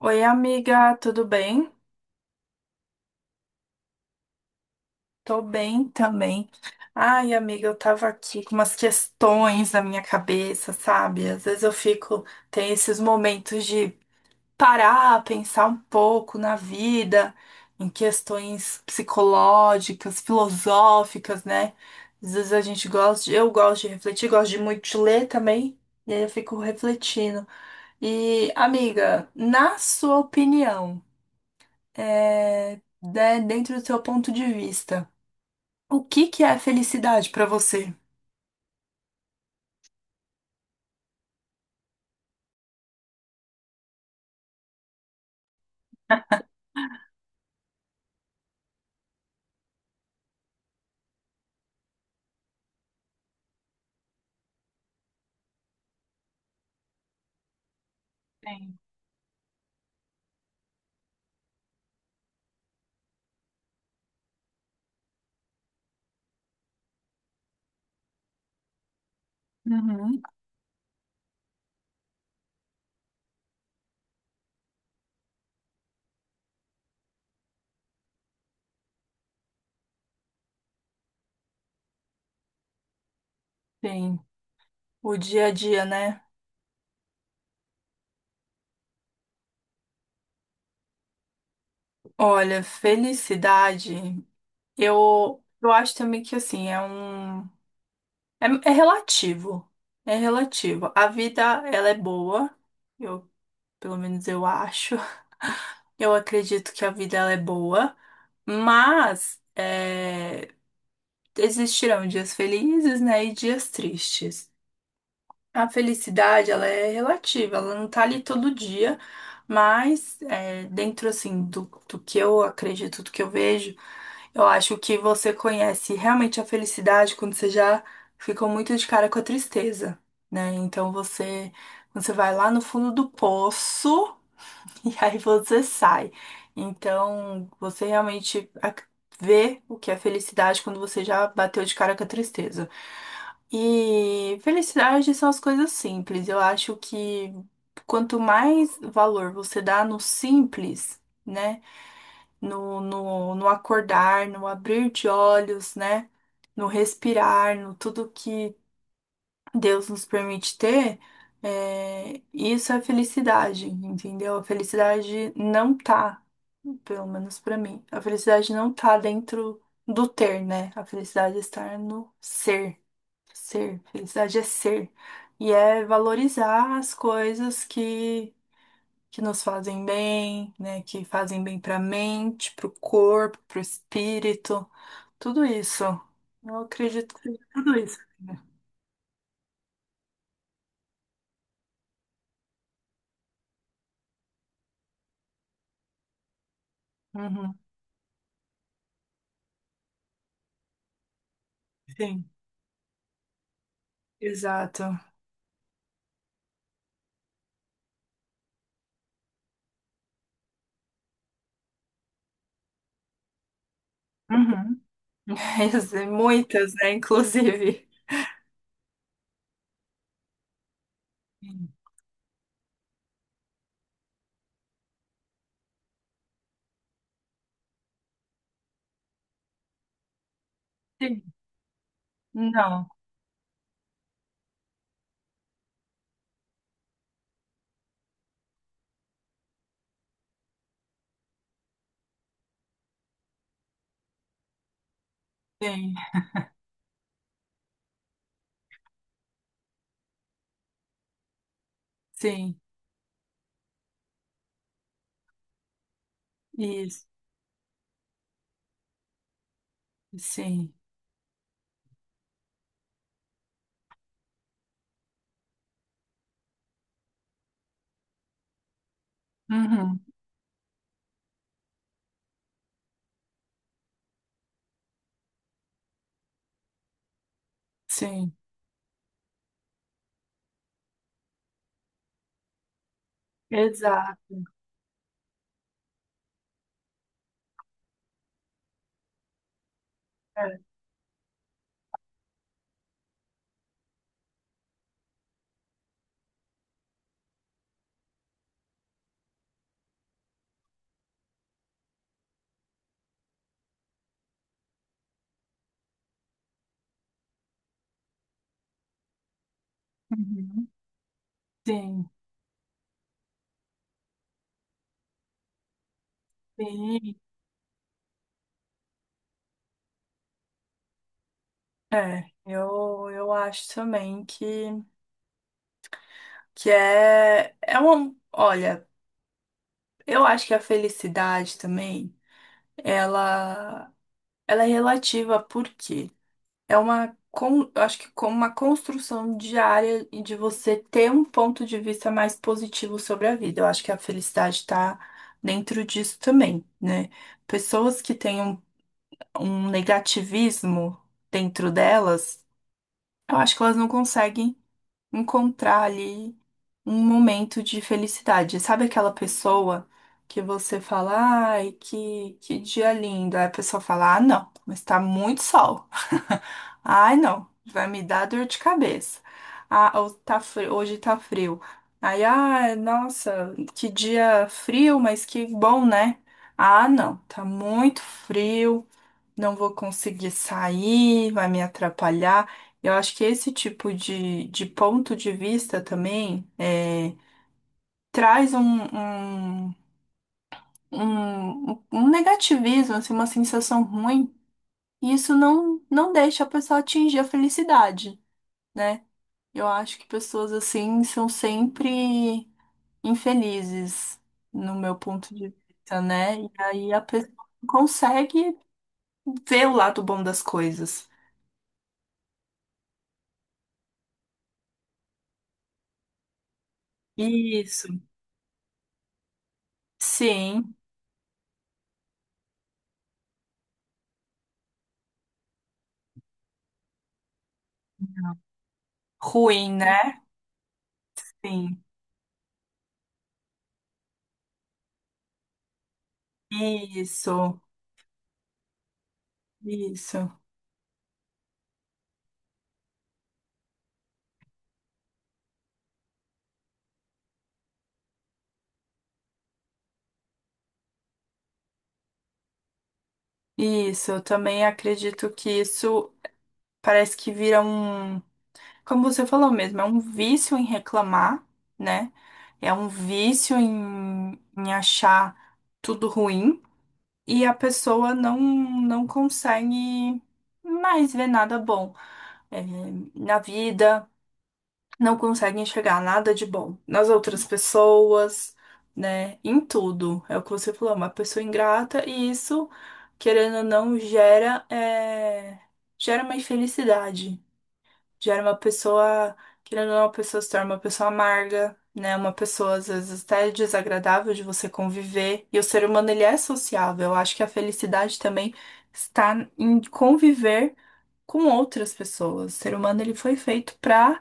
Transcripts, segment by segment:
Oi, amiga, tudo bem? Tô bem também. Ai, amiga, eu tava aqui com umas questões na minha cabeça, sabe? Às vezes eu fico, tem esses momentos de parar, pensar um pouco na vida, em questões psicológicas, filosóficas, né? Às vezes a gente gosta, eu gosto de refletir, gosto de muito de ler também, e aí eu fico refletindo. E, amiga, na sua opinião, é, né, dentro do seu ponto de vista, o que que é felicidade para você? Uhum. Sim, o dia a dia, né? Olha, felicidade, eu acho também que assim, é relativo. É relativo. A vida, ela é boa. Eu, pelo menos eu acho. Eu acredito que a vida, ela é boa. Mas existirão dias felizes, né? E dias tristes. A felicidade, ela é relativa, ela não tá ali todo dia, mas é, dentro, assim, do que eu acredito, do que eu vejo, eu acho que você conhece realmente a felicidade quando você já ficou muito de cara com a tristeza, né? Então você, quando você vai lá no fundo do poço, e aí você sai. Então, vê o que é felicidade quando você já bateu de cara com a tristeza. E felicidade são as coisas simples. Eu acho que quanto mais valor você dá no simples, né? No acordar, no abrir de olhos, né? No respirar, no tudo que Deus nos permite ter, isso é felicidade, entendeu? A felicidade não tá, pelo menos pra mim, a felicidade não tá dentro do ter, né? A felicidade está no ser, ser. Felicidade é ser. E é valorizar as coisas que nos fazem bem, né? Que fazem bem pra mente, pro corpo, pro espírito, tudo isso. Eu acredito que seja tudo isso, né? Uhum, sim, exato. Uhum. Muitas, né? Inclusive. Sim. Não, sim, sim, isso, sim, uhum, sim, exato, é, uhum, sim, sim, é, eu acho também que é, é uma, olha, eu acho que a felicidade também, ela, ela é relativa, porque eu acho que como uma construção diária e de você ter um ponto de vista mais positivo sobre a vida. Eu acho que a felicidade está dentro disso também, né? Pessoas que têm um negativismo dentro delas, eu acho que elas não conseguem encontrar ali um momento de felicidade. Sabe aquela pessoa que você fala, ai, que dia lindo. Aí a pessoa fala, ah, não, mas tá muito sol. Ai, não, vai me dar dor de cabeça. Ah, ou tá frio, hoje tá frio. Aí, ah, nossa, que dia frio, mas que bom, né? Ah, não, tá muito frio, não vou conseguir sair, vai me atrapalhar. Eu acho que esse tipo de ponto de vista também traz um, um negativismo, assim, uma sensação ruim, e isso não deixa a pessoa atingir a felicidade, né? Eu acho que pessoas assim são sempre infelizes, no meu ponto de vista, né? E aí a pessoa não consegue ver o lado bom das coisas. Isso. Sim, ruim, né? Sim. Isso, isso, isso. Eu também acredito que isso parece que vira um, como você falou mesmo, é um vício em reclamar, né? É um vício em achar tudo ruim, e a pessoa não consegue mais ver nada bom, eh, na vida. Não consegue enxergar nada de bom nas outras pessoas, né? Em tudo. É o que você falou, uma pessoa ingrata, e isso, querendo ou não, gera uma infelicidade. Gera uma pessoa, querendo ou não, a pessoa se torna uma pessoa amarga, né? Uma pessoa, às vezes, até desagradável de você conviver. E o ser humano, ele é sociável. Eu acho que a felicidade também está em conviver com outras pessoas. O ser humano, ele foi feito para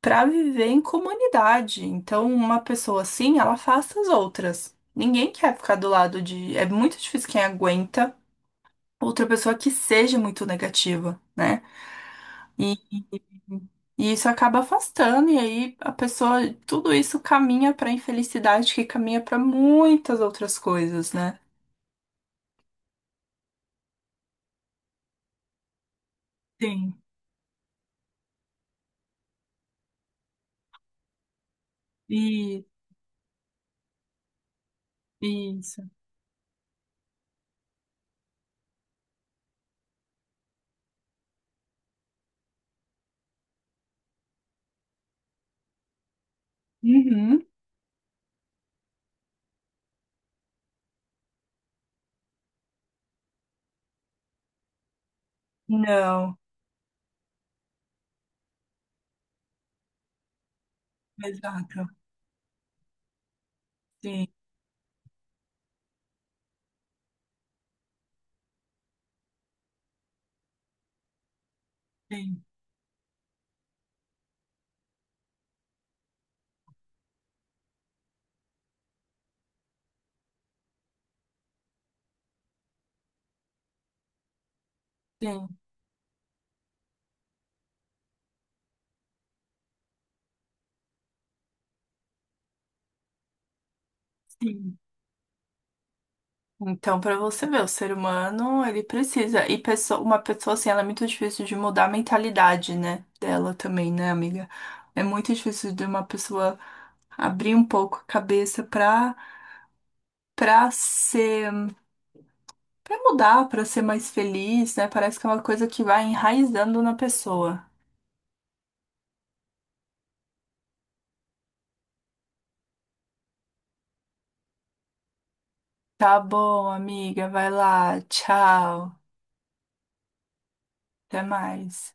viver em comunidade. Então, uma pessoa assim, ela afasta as outras. Ninguém quer ficar do lado de. É muito difícil quem aguenta outra pessoa que seja muito negativa, né? E, e isso acaba afastando, e aí a pessoa, tudo isso caminha para infelicidade, que caminha para muitas outras coisas, né? Sim, e isso. Uhum. Não, exato. Sim, sim, sim. Sim. Então, para você ver, o ser humano, ele precisa. E pessoa, uma pessoa assim, ela é muito difícil de mudar a mentalidade, né? Dela também, né, amiga? É muito difícil de uma pessoa abrir um pouco a cabeça pra ser, pra mudar, pra ser mais feliz, né? Parece que é uma coisa que vai enraizando na pessoa. Tá bom, amiga, vai lá. Tchau. Até mais.